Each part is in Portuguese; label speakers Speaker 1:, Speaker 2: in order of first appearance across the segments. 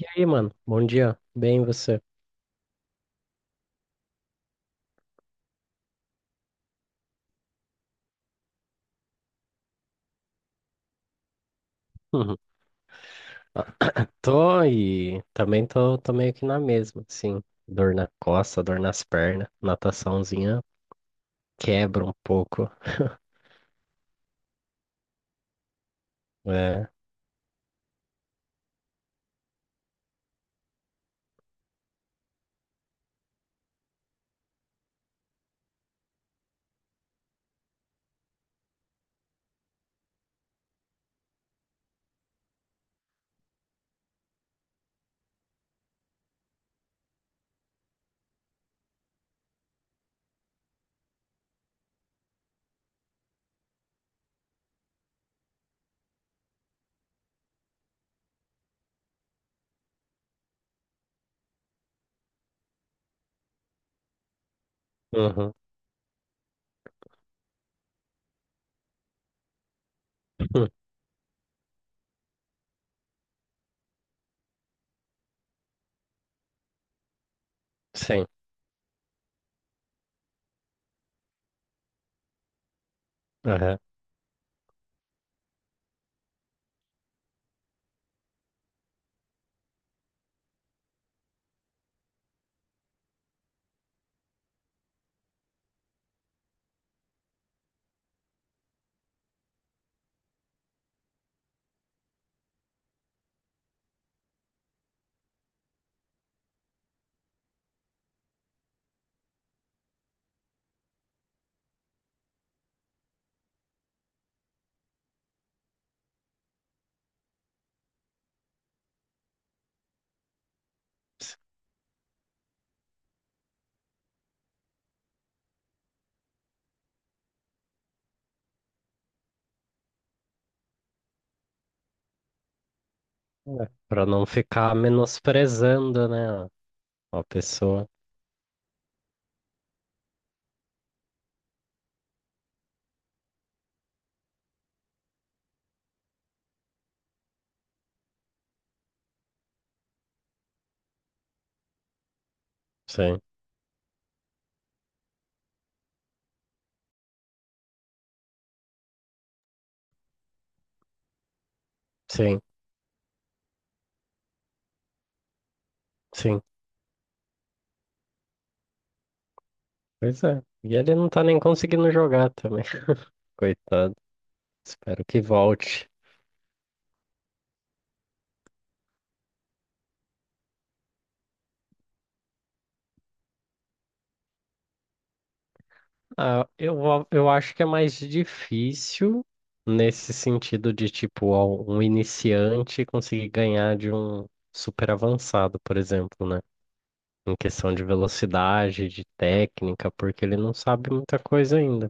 Speaker 1: E aí, mano? Bom dia. Bem, e você? Uhum. Tô e também tô meio que na mesma, assim. Dor na costa, dor nas pernas, nataçãozinha quebra um pouco. É. Uhum. Hum, sim. Aham. É, pra não ficar menosprezando, né, a pessoa. Sim, sim, sim. Pois é. E ele não tá nem conseguindo jogar também. Coitado. Espero que volte. Ah, eu acho que é mais difícil nesse sentido de, tipo, ó, um iniciante conseguir ganhar de um super avançado, por exemplo, né? Em questão de velocidade, de técnica, porque ele não sabe muita coisa ainda.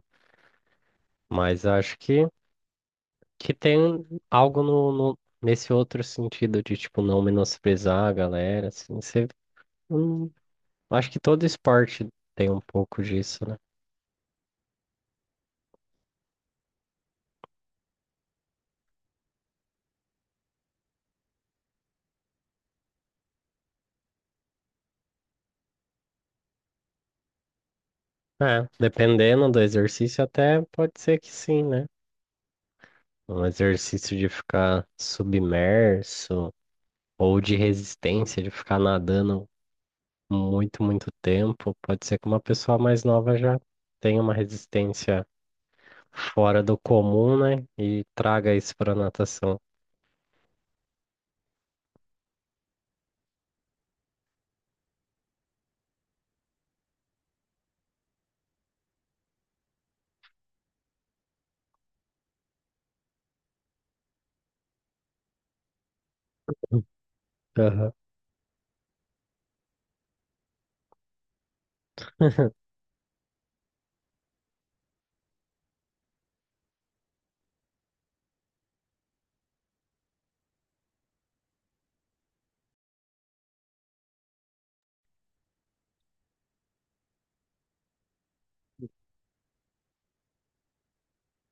Speaker 1: Mas acho que tem algo nesse outro sentido de, tipo, não menosprezar a galera, assim. Você, hum, acho que todo esporte tem um pouco disso, né? É, dependendo do exercício, até pode ser que sim, né? Um exercício de ficar submerso ou de resistência, de ficar nadando muito, muito tempo. Pode ser que uma pessoa mais nova já tenha uma resistência fora do comum, né? E traga isso para natação. Aham.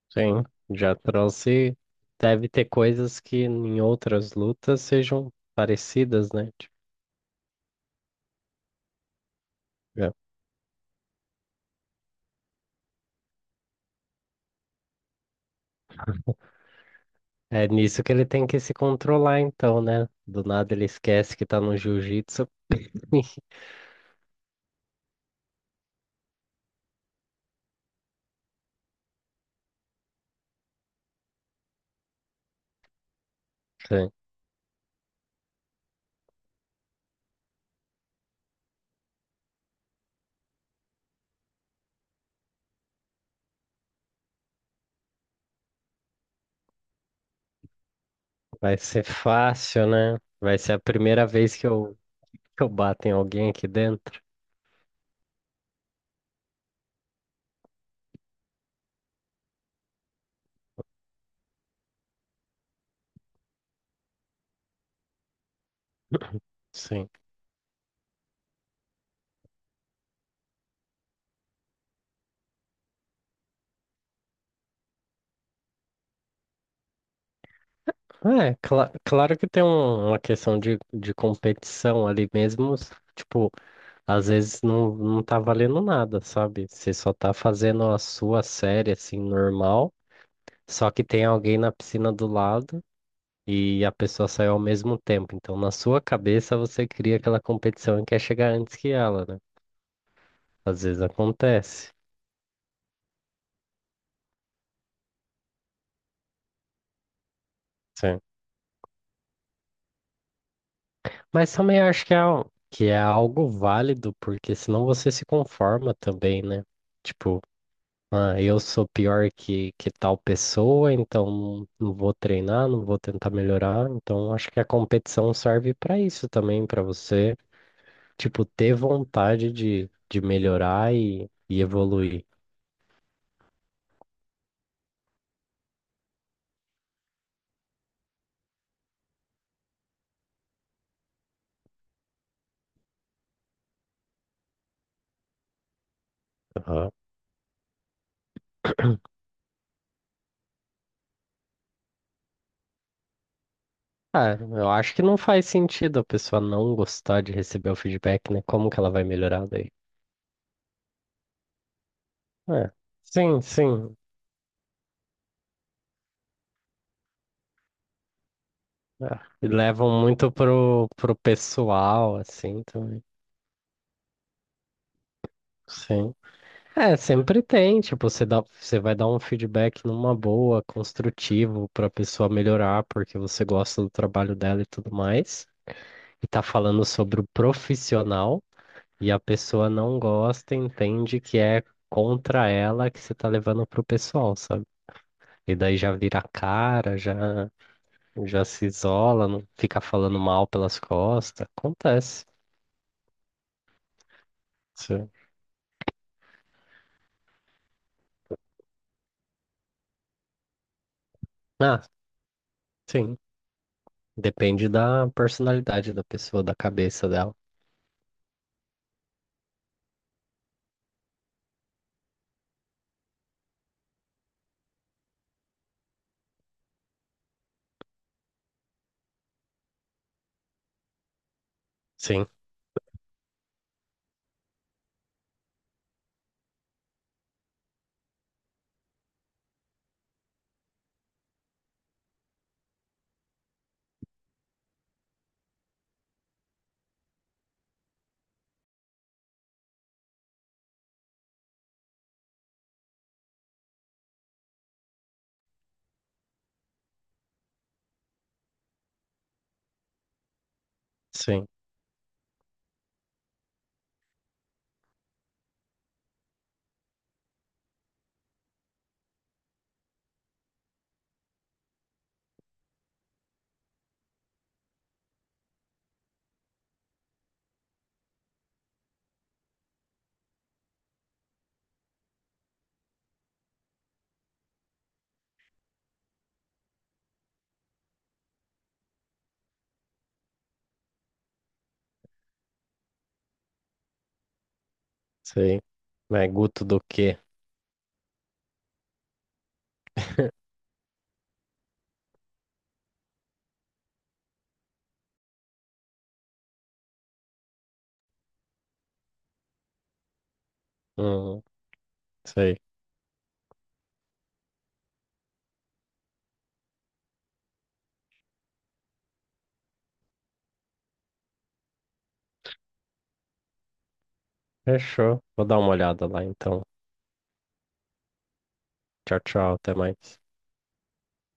Speaker 1: Sim, já trouxe. Deve ter coisas que em outras lutas sejam parecidas, né? Tipo, é é nisso que ele tem que se controlar, então, né? Do nada ele esquece que tá no jiu-jitsu. Vai ser fácil, né? Vai ser a primeira vez que que eu bato em alguém aqui dentro. Sim. É, claro que tem uma questão de competição ali mesmo. Tipo, às vezes não, não tá valendo nada, sabe? Você só tá fazendo a sua série, assim, normal. Só que tem alguém na piscina do lado e a pessoa saiu ao mesmo tempo. Então, na sua cabeça, você cria aquela competição e quer chegar antes que ela, né? Às vezes acontece. Mas também acho que é, que é algo válido, porque senão você se conforma também, né? Tipo, ah, eu sou pior que tal pessoa, então não não vou treinar, não vou tentar melhorar. Então acho que a competição serve para isso também, para você, tipo, ter vontade de melhorar e evoluir. Aham. Ah, eu acho que não faz sentido a pessoa não gostar de receber o feedback, né? Como que ela vai melhorar daí? É. Sim, sim. É, e levam muito pro pessoal, assim, também. Sim. É, sempre tem, tipo, você dá, você vai dar um feedback numa boa, construtivo, pra pessoa melhorar, porque você gosta do trabalho dela e tudo mais. E tá falando sobre o profissional, e a pessoa não gosta, entende que é contra ela que você tá levando pro pessoal, sabe? E daí já vira a cara, já, já se isola, não fica falando mal pelas costas. Acontece. Sim. Ah, sim, depende da personalidade da pessoa, da cabeça dela. Sim, sim, sei. Mas Guto do quê? Hum, sei. Fechou. Vou dar uma olhada lá então. Tchau, tchau, até mais.